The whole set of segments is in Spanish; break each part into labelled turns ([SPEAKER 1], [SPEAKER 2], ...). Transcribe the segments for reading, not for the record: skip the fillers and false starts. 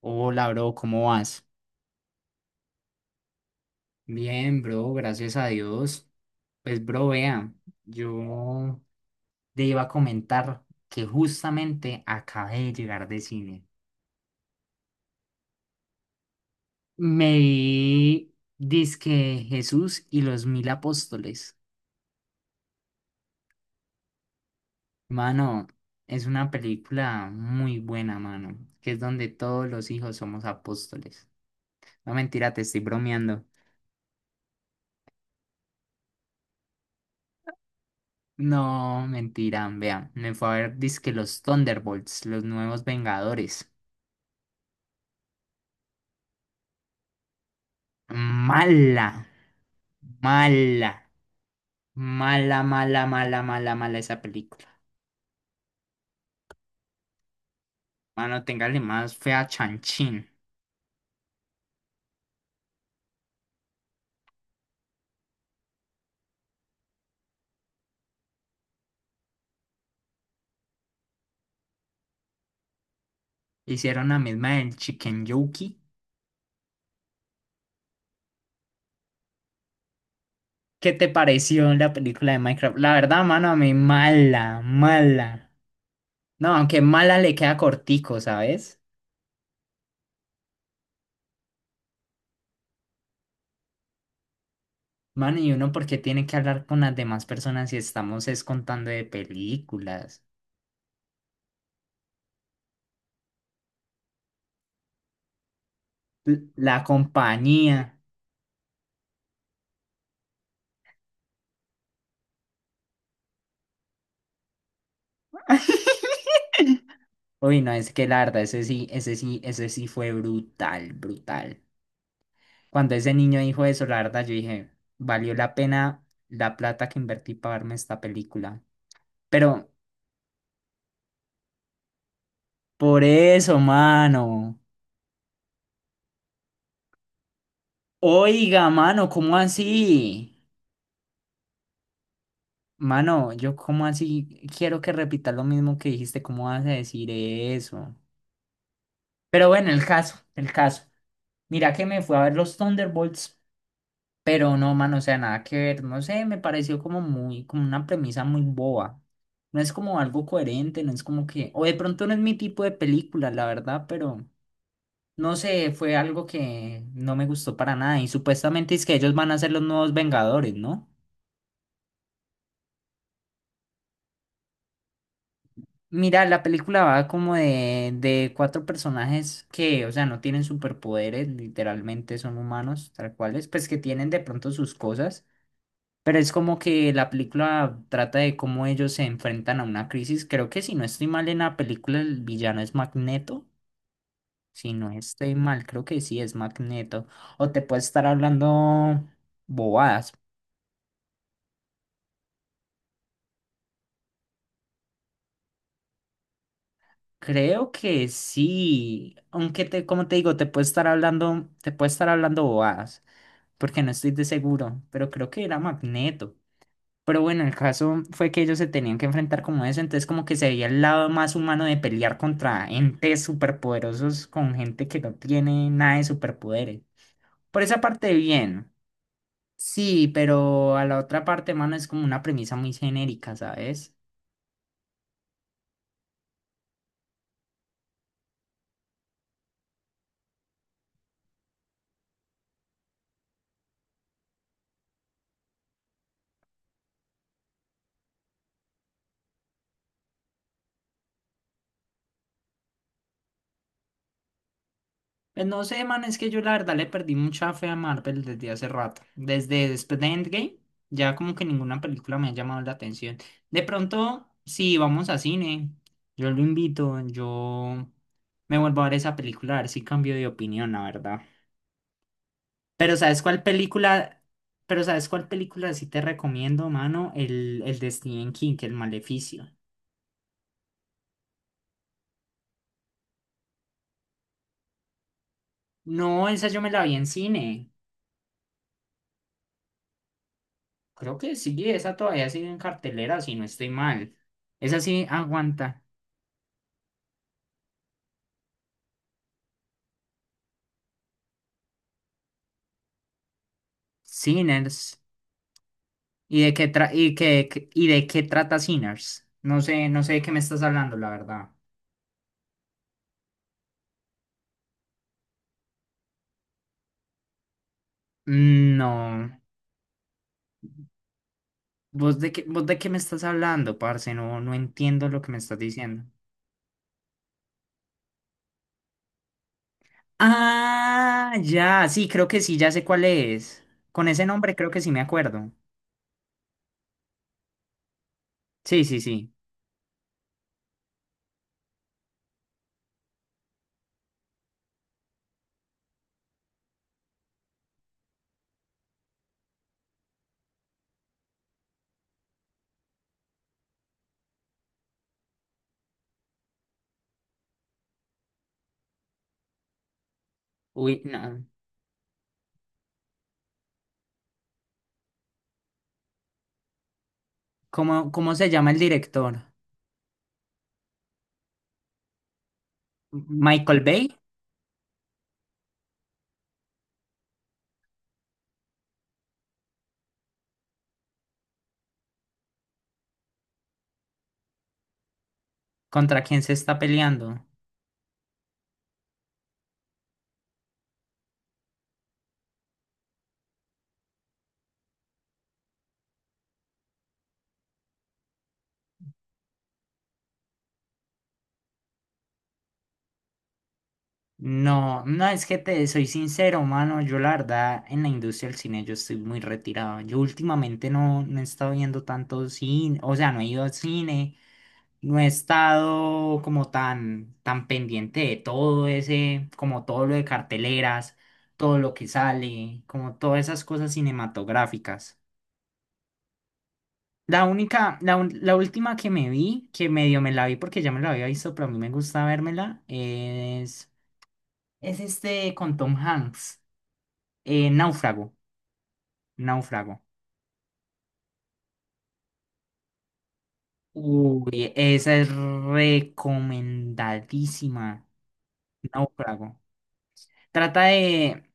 [SPEAKER 1] Hola, bro, ¿cómo vas? Bien, bro, gracias a Dios. Pues, bro, vea, yo te iba a comentar que justamente acabé de llegar de cine. Me vi Disque Jesús y los Mil Apóstoles. Mano, es una película muy buena, mano, que es donde todos los hijos somos apóstoles. No, mentira, te estoy bromeando. No, mentira, vea, me fue a ver Disque los Thunderbolts, los nuevos Vengadores. Mala, mala, mala, mala, mala, mala, mala esa película. Mano, téngale más fe a Chanchín. Hicieron la misma del Chicken Yuki. ¿Qué te pareció la película de Minecraft? La verdad, mano, a mí mala, mala. No, aunque mala le queda cortico, ¿sabes? Mano, y uno porque tiene que hablar con las demás personas si estamos es contando de películas. La compañía. Uy, no, es que la verdad, ese sí, ese sí, ese sí fue brutal, brutal. Cuando ese niño dijo eso, la verdad, yo dije, valió la pena la plata que invertí para verme esta película. Pero por eso, mano. Oiga, mano, ¿cómo así? Mano, yo cómo así quiero que repitas lo mismo que dijiste, ¿cómo vas a decir eso? Pero bueno, el caso, el caso. Mira que me fui a ver los Thunderbolts. Pero no, mano, o sea, nada que ver, no sé, me pareció como una premisa muy boba. No es como algo coherente, no es como que, o de pronto no es mi tipo de película, la verdad, pero no sé, fue algo que no me gustó para nada. Y supuestamente es que ellos van a ser los nuevos Vengadores, ¿no? Mira, la película va como de cuatro personajes que, o sea, no tienen superpoderes, literalmente son humanos, tal cuales, pues que tienen de pronto sus cosas. Pero es como que la película trata de cómo ellos se enfrentan a una crisis. Creo que si no estoy mal en la película, el villano es Magneto. Si no estoy mal, creo que sí es Magneto. O te puede estar hablando bobadas. Creo que sí. Aunque te, como te digo, te puede estar hablando bobadas. Porque no estoy de seguro. Pero creo que era Magneto. Pero bueno, el caso fue que ellos se tenían que enfrentar como eso, entonces como que se veía el lado más humano de pelear contra entes superpoderosos con gente que no tiene nada de superpoderes. Por esa parte bien, sí, pero a la otra parte, mano, es como una premisa muy genérica, ¿sabes? Pues no sé, man, es que yo la verdad le perdí mucha fe a Marvel desde hace rato. Desde después de Endgame, ya como que ninguna película me ha llamado la atención. De pronto, si vamos a cine, yo lo invito, yo me vuelvo a ver esa película, a ver si cambio de opinión, la verdad. Pero ¿sabes cuál película? Pero ¿sabes cuál película sí te recomiendo, mano? El de Stephen King, El Maleficio. No, esa yo me la vi en cine. Creo que sí, esa todavía sigue en cartelera, si no estoy mal. Esa sí aguanta. Sinners. ¿Y de qué tra- y qué- qué- y de qué trata Sinners? No sé, no sé de qué me estás hablando, la verdad. Mm, no. ¿Vos de qué me estás hablando, parce? No, no entiendo lo que me estás diciendo. Ah, ya, sí, creo que sí, ya sé cuál es. Con ese nombre creo que sí me acuerdo. Sí, sí, sí. Uy, no. ¿Cómo se llama el director? ¿Michael Bay? ¿Contra quién se está peleando? No, no, es que te soy sincero, mano. Yo la verdad, en la industria del cine yo estoy muy retirado. Yo últimamente no, no he estado viendo tanto cine, o sea, no he ido al cine, no he estado como tan, tan pendiente de todo ese, como todo lo de carteleras, todo lo que sale, como todas esas cosas cinematográficas. La única, la última que me vi, que medio me la vi porque ya me la había visto, pero a mí me gusta vérmela, es... Es este con Tom Hanks. Náufrago. Náufrago. Uy, esa es recomendadísima. Náufrago. Trata de...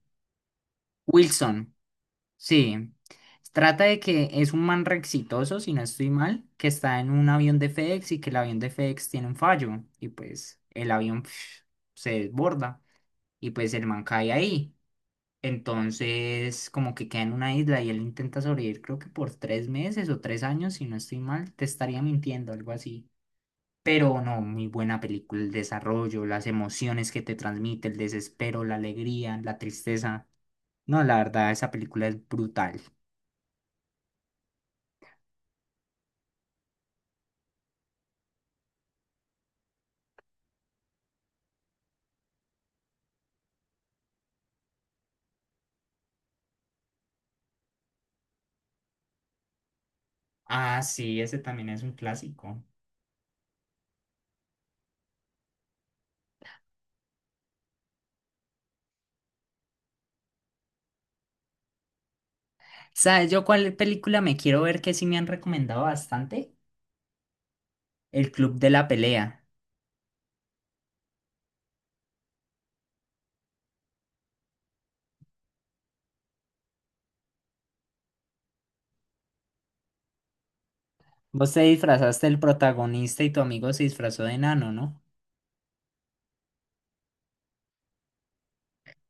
[SPEAKER 1] Wilson. Sí. Trata de que es un man re exitoso, si no estoy mal, que está en un avión de FedEx y que el avión de FedEx tiene un fallo. Y pues el avión pf, se desborda. Y pues el man cae ahí. Entonces, como que queda en una isla y él intenta sobrevivir, creo que por 3 meses o 3 años, si no estoy mal, te estaría mintiendo, algo así. Pero no, muy buena película, el desarrollo, las emociones que te transmite, el desespero, la alegría, la tristeza. No, la verdad, esa película es brutal. Ah, sí, ese también es un clásico. ¿Sabes yo cuál película me quiero ver que sí me han recomendado bastante? El Club de la Pelea. Vos te disfrazaste del protagonista y tu amigo se disfrazó de enano, ¿no?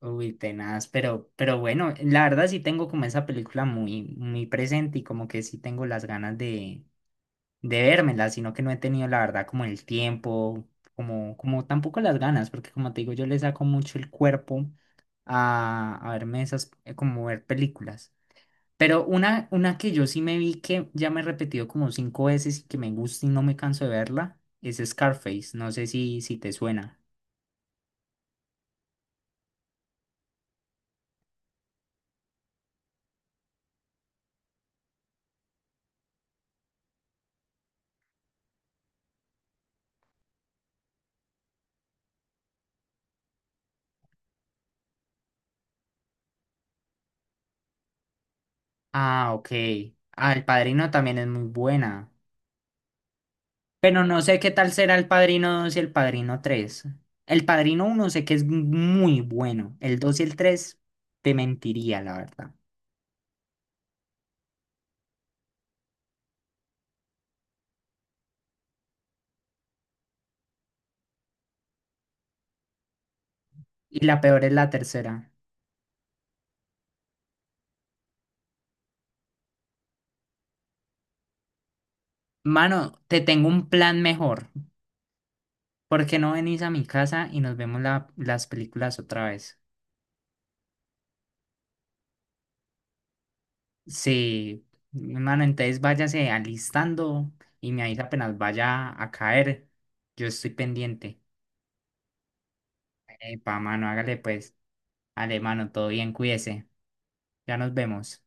[SPEAKER 1] Uy, tenaz, pero bueno, la verdad sí tengo como esa película muy, muy presente y como que sí tengo las ganas de vérmela, sino que no he tenido la verdad como el tiempo, como, como tampoco las ganas, porque como te digo, yo le saco mucho el cuerpo a verme esas, como ver películas. Pero una que yo sí me vi que ya me he repetido como cinco veces y que me gusta y no me canso de verla, es Scarface, no sé si te suena. Ah, ok. Ah, El Padrino también es muy buena. Pero no sé qué tal será el Padrino dos y el Padrino tres. El Padrino uno sé que es muy bueno. El 2 y el 3 te mentiría, la verdad. Y la peor es la tercera. Mano, te tengo un plan mejor. ¿Por qué no venís a mi casa y nos vemos las películas otra vez? Sí, mano, entonces váyase alistando y me avisa apenas vaya a caer. Yo estoy pendiente. Epa, mano, hágale pues. Ale mano, todo bien, cuídese. Ya nos vemos.